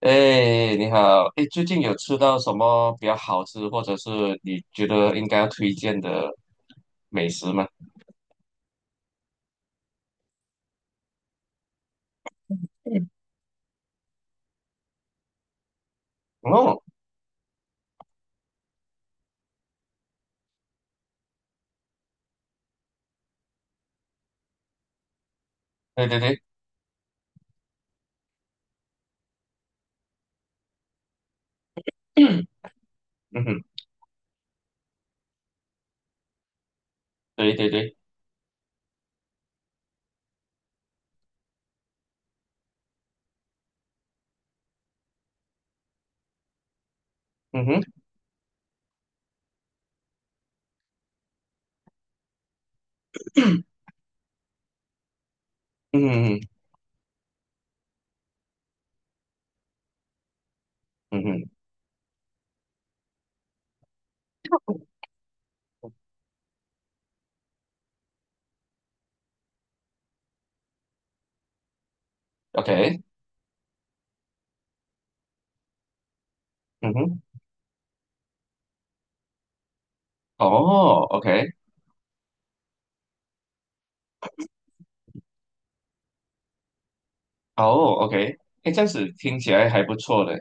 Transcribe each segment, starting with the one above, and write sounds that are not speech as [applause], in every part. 哎，你好！哎，最近有吃到什么比较好吃，或者是你觉得应该要推荐的美食吗？哦。对对对。嗯哼。对对对。嗯哼。嗯哼。嗯哼。OK。嗯哼。哦，OK。哦，OK。哎，这样子听起来还不错的。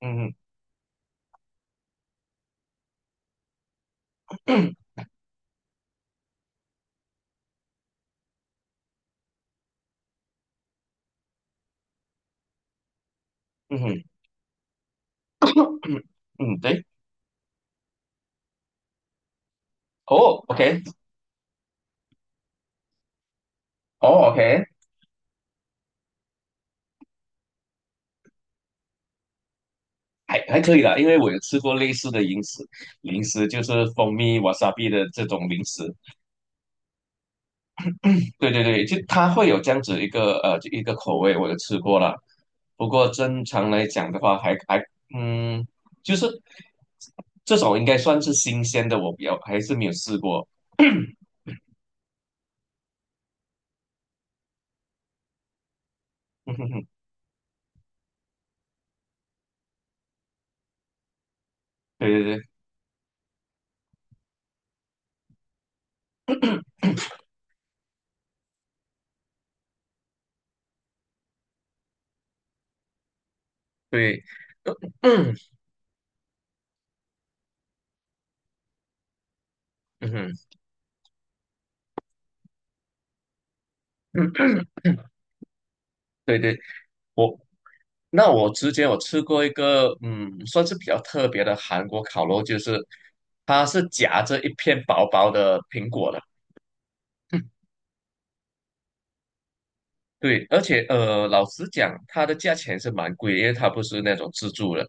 嗯哼。嗯哼。嗯，对。哦，OK。哦，OK。还可以啦，因为我有吃过类似的零食，零食就是蜂蜜 wasabi 的这种零食。对对对，就它会有这样子一个口味，我就吃过了。不过正常来讲的话还嗯，就是这种应该算是新鲜的，我比较还是没有试过。[coughs] [clears throat] 嗯哼哼。对对对对。[coughs] [clears throat] 嗯。嗯哼。[clears throat] 对对。我那我之前我吃过一个，嗯，算是比较特别的韩国烤肉，就是它是夹着一片薄薄的苹果的。对，而且老实讲，它的价钱是蛮贵的，因为它不是那种自助的，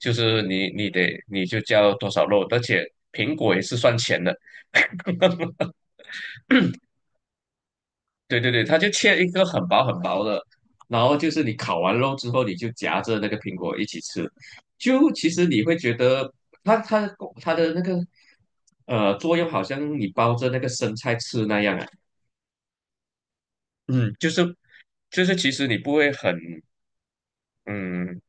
就是你就交多少肉，而且苹果也是算钱的。对对对，它就切一个很薄很薄的，然后就是你烤完肉之后，你就夹着那个苹果一起吃，就其实你会觉得它的那个作用好像你包着那个生菜吃那样啊。嗯，就是就是其实你不会很嗯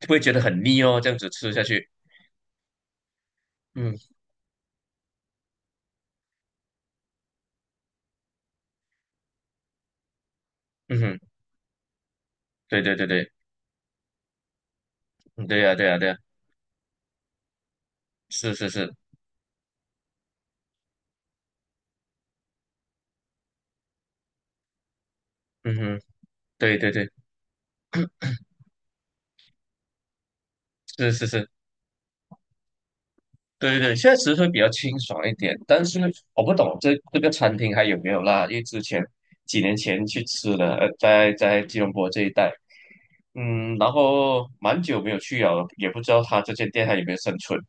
不会觉得很腻哦，这样子吃下去。嗯。嗯哼。对对对对。嗯，对呀、对呀、对呀。是是是。嗯哼。对对对。是是是。对对，现在其实会比较清爽一点。但是我不懂这个餐厅还有没有啦，因为之前几年前去吃了，在吉隆坡这一带，嗯，然后蛮久没有去了，也不知道他这间店还有没有生存。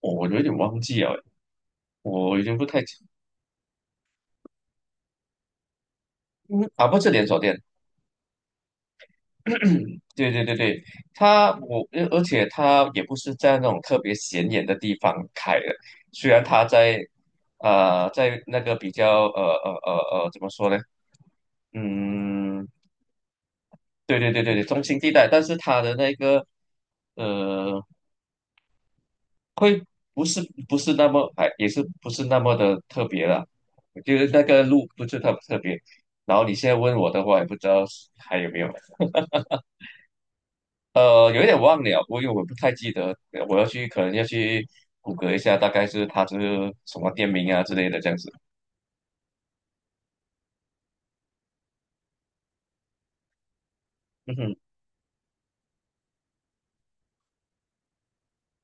我有点忘记了，我已经不太。嗯，啊，不是连锁店。[clears throat] 对对对对，而且它也不是在那种特别显眼的地方开的，虽然它在那个比较怎么说呢？嗯，对对对对对，中心地带，但是它的那个呃不是不是那么，哎，也是不是那么的特别了，就是那个路不是特别。然后你现在问我的话，也不知道还有没有。有一点忘了，我因为我不太记得，我要去可能要去谷歌一下，大概是它是什么店名啊之类的这样子。嗯哼。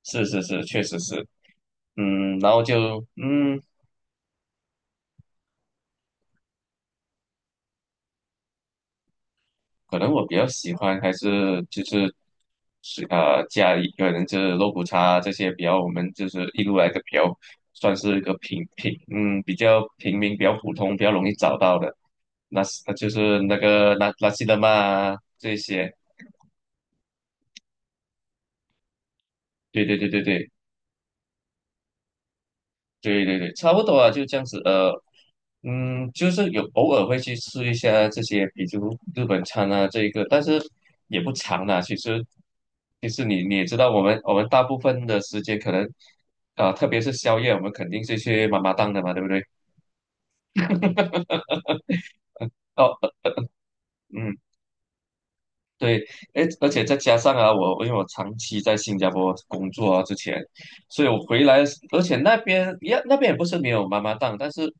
是是是，确实是。嗯，然后就可能我比较喜欢还是就是家里可能就是肉骨茶，这些比较我们就是一路来的，比较算是一个平平嗯比较平民比较普通比较容易找到的，那是就是那个那拉西德玛啊这些。对对对对对。对对对，差不多啊，就这样子。嗯。就是有偶尔会去吃一下这些，比如日本餐啊，这一个，但是也不长啦。其实，你也知道，我们大部分的时间可能，啊，特别是宵夜，我们肯定是去妈妈档的嘛，对不对？哦。嗯。对。诶，而且再加上啊，因为我长期在新加坡工作啊，之前，所以我回来，而且那边也不是没有妈妈档，但是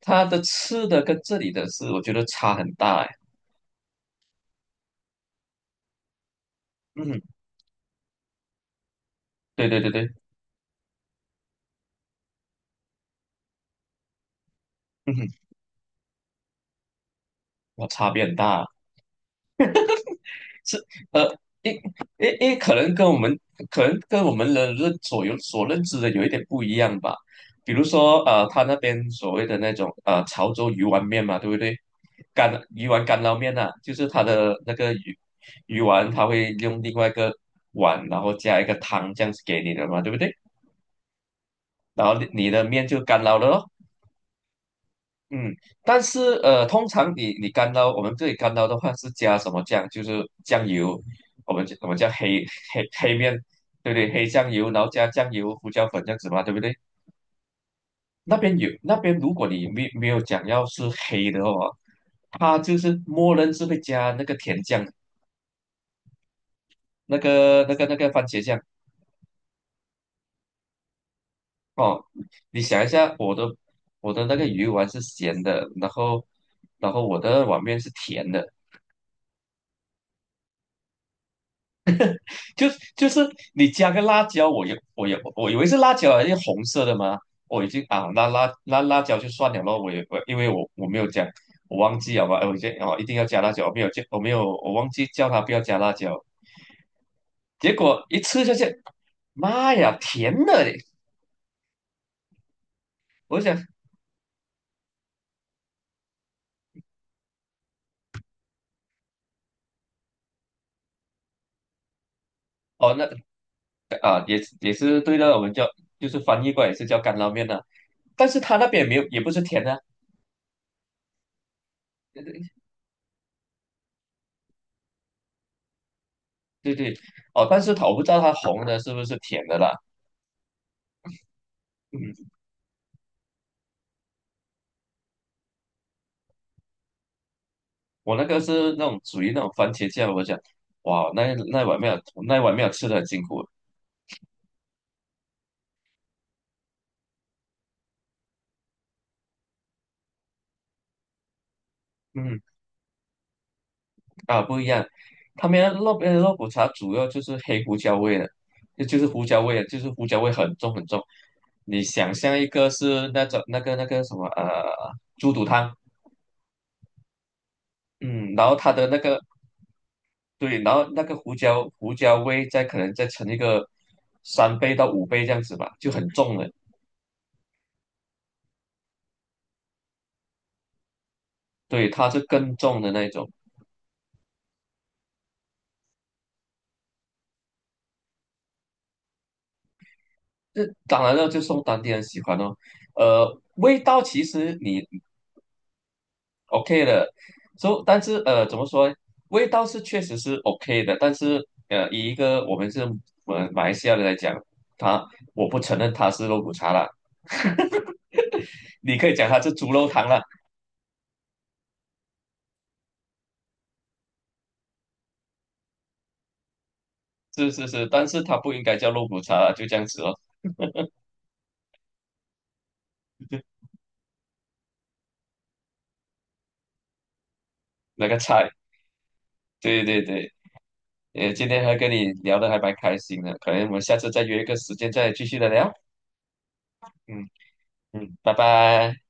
它的吃的跟这里的是，我觉得差很大诶。嗯。对对对对。嗯，我差别很大啊。是。呃，因因为可能跟我们人认所有所认知的有一点不一样吧。比如说他那边所谓的那种潮州鱼丸面嘛，对不对？干鱼丸干捞面呐、啊，就是他的那个鱼丸，它会用另外一个碗，然后加一个汤这样子给你的嘛，对不对？然后你的面就干捞了咯。嗯，但是通常你干捞，我们这里干捞的话是加什么酱？就是酱油，我们叫黑面，对不对？黑酱油，然后加酱油、胡椒粉，这样子嘛，对不对？那边，如果你没有讲要是黑的话，它就是默认是会加那个甜酱，那个番茄酱哦。你想一下，我的那个鱼丸是咸的，然后我的碗面是甜的。就就是你加个辣椒，我以为是辣椒，是红色的嘛，我已经啊，那辣椒就算了咯，我因为我没有讲，我忘记好吧。哎，我先哦一定要加辣椒，我没有，我忘记叫他不要加辣椒。结果一吃下去，妈呀，甜的嘞！我想。哦那。啊，也是对的，我们叫就是翻译过来也是叫干捞面的、但是他那边没有，也不是甜的啊。对对对对。哦，但是他我不知道他红的是不是甜的啦。嗯，我那个是那种属于那种番茄酱，我想，哇，那碗面吃的很辛苦。嗯。啊，不一样，他们那边的肉骨茶主要就是黑胡椒味的，就是胡椒味的，就是胡椒味很重很重。你想象一个是那种那个什么猪肚汤，嗯，然后它的那个，对，然后那个胡椒味再可能再乘一个3倍到5倍这样子吧，就很重了。对，它是更重的那一种。这当然了，就送当地人喜欢哦。味道其实你 OK 的，so， 但是怎么说？味道是确实是 OK 的，但是以一个我们是马来西亚人来讲，他我不承认它是肉骨茶啦，你可以讲它是猪肉汤啦。是是是，但是它不应该叫肉骨茶啦，就这样子哦。那个菜，对对对。今天还跟你聊的还蛮开心的，可能我们下次再约一个时间再继续的聊。嗯。嗯，拜拜。